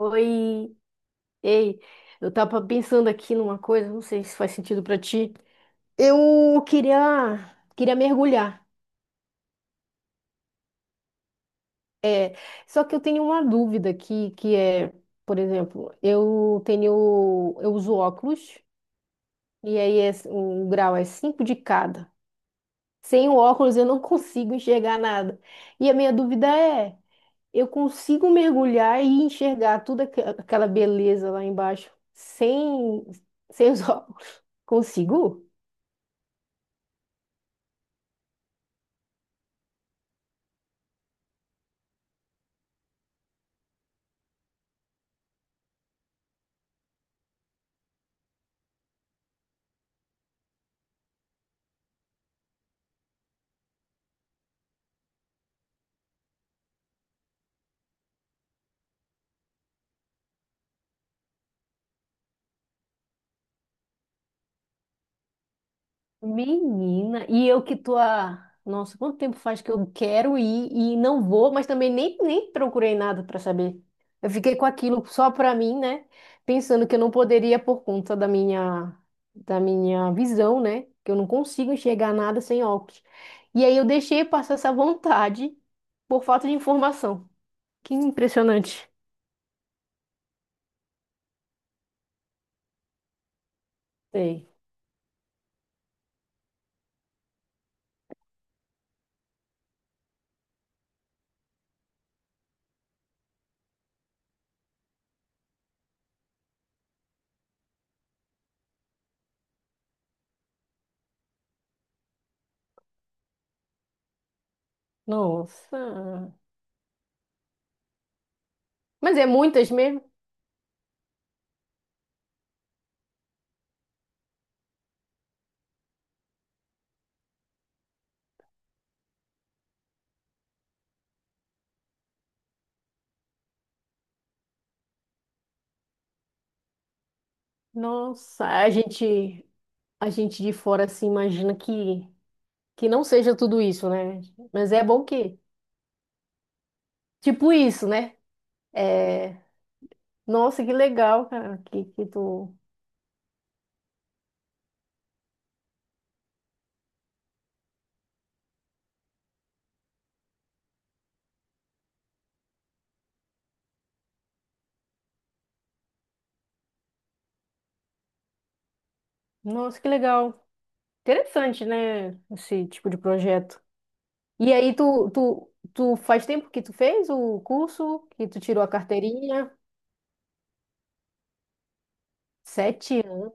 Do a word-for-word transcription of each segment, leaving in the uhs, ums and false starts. Oi, ei, eu tava pensando aqui numa coisa, não sei se faz sentido pra ti. Eu queria, queria mergulhar. É, só que eu tenho uma dúvida aqui, que é, por exemplo, eu tenho, eu uso óculos e aí é, um grau é cinco de cada. Sem o óculos eu não consigo enxergar nada. E a minha dúvida é, eu consigo mergulhar e enxergar toda aqua- aquela beleza lá embaixo sem, sem os óculos? Consigo? Menina, e eu que tô a... Nossa, quanto tempo faz que eu quero ir e não vou, mas também nem, nem procurei nada para saber. Eu fiquei com aquilo só para mim, né? Pensando que eu não poderia por conta da minha da minha visão, né? Que eu não consigo enxergar nada sem óculos. E aí eu deixei passar essa vontade por falta de informação. Que impressionante. Sei. Nossa. Mas é muitas mesmo? Nossa, a gente a gente de fora se imagina que, que não seja tudo isso, né? Mas é bom que, tipo isso, né? É, nossa, que legal, cara, que, que tu... Nossa, que legal. Interessante, né? Esse tipo de projeto. E aí, tu, tu, tu faz tempo que tu fez o curso, que tu tirou a carteirinha? Sete anos.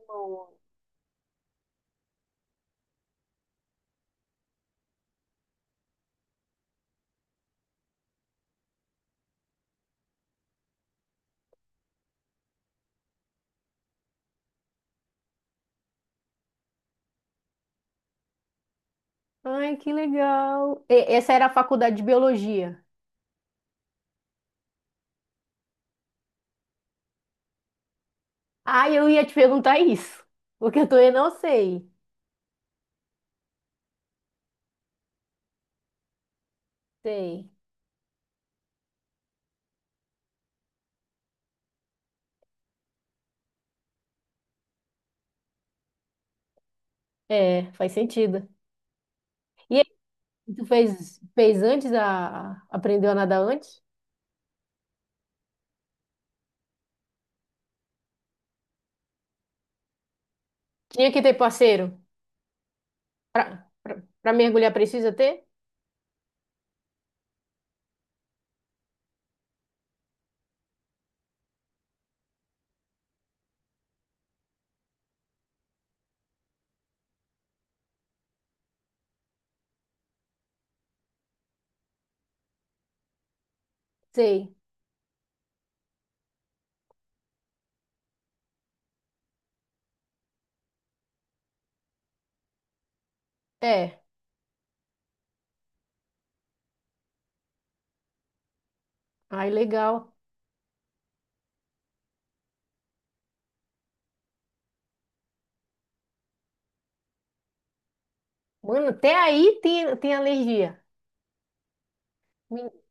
Ai, que legal. E- essa era a faculdade de biologia. Ah, eu ia te perguntar isso, porque eu também não sei. Sei. É, faz sentido. E aí, tu fez, fez antes a, aprendeu a nadar antes? Tinha que ter parceiro. Pra, pra, pra mergulhar precisa ter? Sei. É. Ai, legal. Mano, até aí tem, tem alergia. Men-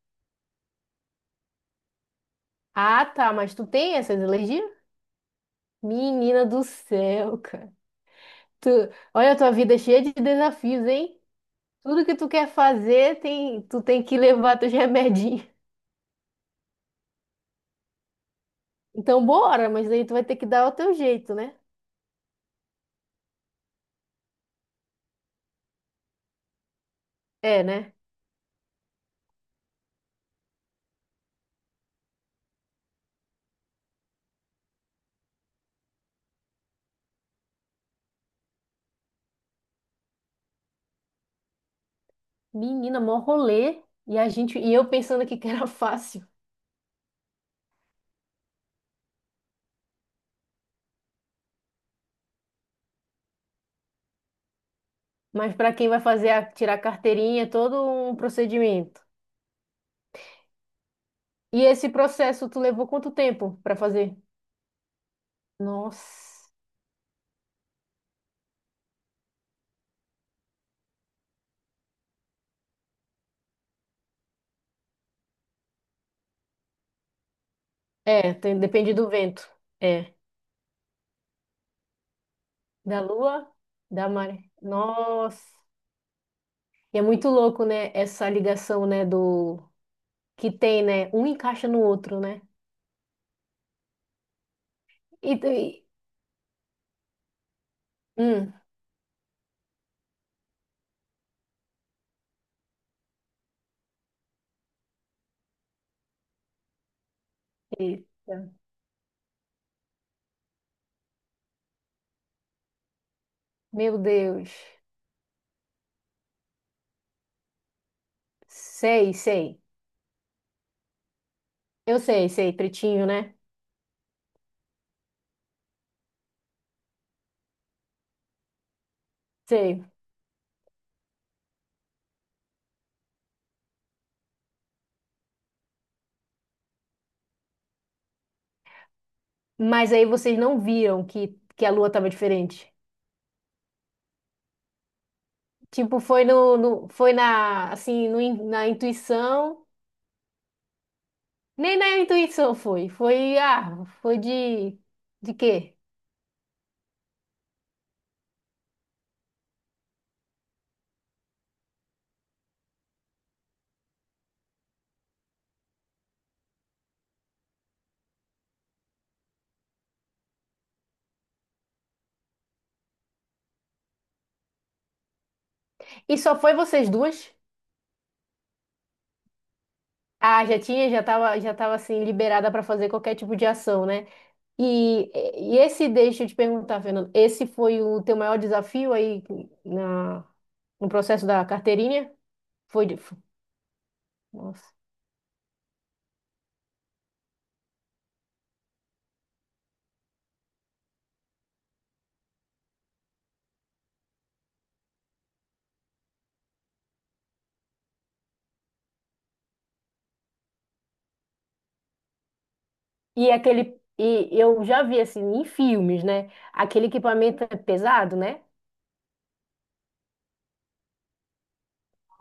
Ah, tá, mas tu tem essas alergias? Menina do céu, cara. Tu, olha a tua vida cheia de desafios, hein? Tudo que tu quer fazer, tem, tu tem que levar teus remedinhos. Então, bora, mas aí tu vai ter que dar o teu jeito, né? É, né? Menina, mó rolê. E a gente, e eu pensando aqui que era fácil. Mas para quem vai fazer a, tirar a carteirinha, é todo um procedimento. E esse processo, tu levou quanto tempo para fazer? Nossa. É, tem- depende do vento. É. Da lua, da maré. Nossa. E é muito louco, né? Essa ligação, né? Do que tem, né? Um encaixa no outro, né? E, e- hum, eita. Meu Deus. Sei, sei. Eu sei, sei. Pretinho, né? Sei. Mas aí vocês não viram que, que a lua tava diferente. Tipo, foi no, no- foi na, assim, no in- na intuição. Nem na intuição foi. Foi, ah, foi de, de quê? E só foi vocês duas? Ah, já tinha, já tava, já tava assim, liberada para fazer qualquer tipo de ação, né? E, e esse, deixa eu te perguntar, Fernando, esse foi o teu maior desafio aí na, no processo da carteirinha? Foi de, nossa. E aquele, e eu já vi assim em filmes, né? Aquele equipamento é pesado, né?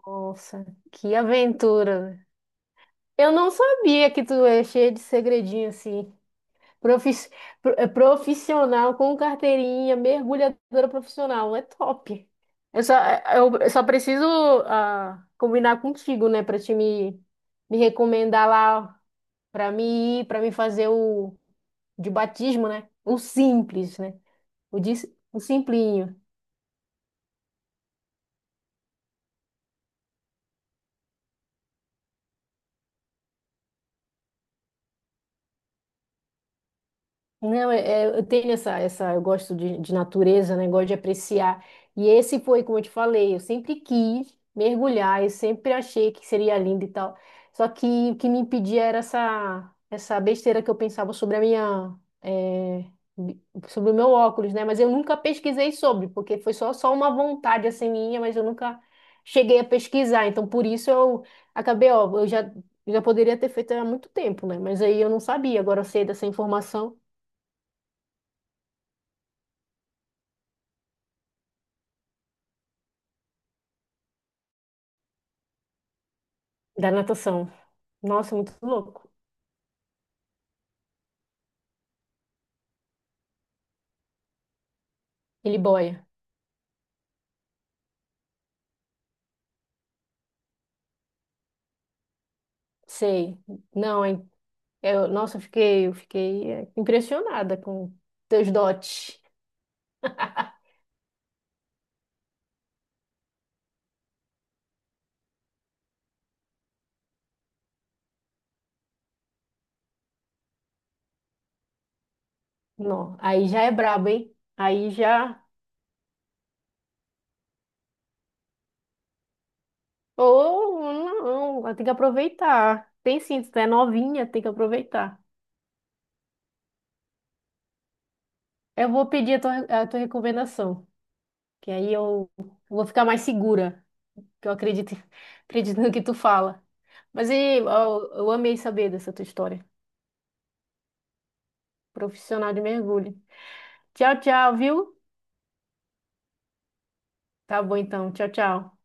Nossa, que aventura. Eu não sabia que tu é cheio de segredinho assim. Profis- pro- é Profissional com carteirinha, mergulhadora profissional, é top. Eu só, é, eu eu só preciso ah, combinar contigo, né, pra te me, me recomendar lá pra mim ir, para mim fazer o de batismo, né? O simples, né? O de, o simplinho. Não, é- é, eu tenho essa, essa, eu gosto de, de natureza, né? Gosto de apreciar. E esse foi, como eu te falei, eu sempre quis mergulhar, eu sempre achei que seria lindo e tal. Só que o que me impedia era essa, essa besteira que eu pensava sobre a minha, é, bi- sobre o meu óculos, né? Mas eu nunca pesquisei sobre, porque foi só, só uma vontade assim minha, mas eu nunca cheguei a pesquisar. Então, por isso eu acabei, ó, eu já, já poderia ter feito há muito tempo, né? Mas aí eu não sabia, agora eu sei dessa informação. Da natação. Nossa, é muito louco. Ele boia, sei. Não, hein? Eu, nossa, eu fiquei, eu fiquei é, impressionada com teus dotes. Não, aí já é brabo, hein? Aí já. Oh, não, ela tem que aproveitar. Tem sim, se tu é novinha, tem que aproveitar. Eu vou pedir a tua, a tua recomendação, que aí eu, eu vou ficar mais segura, que eu acredito, acredito no que tu fala. Mas e, eu, eu amei saber dessa tua história. Profissional de mergulho. Tchau, tchau, viu? Tá bom então. Tchau, tchau.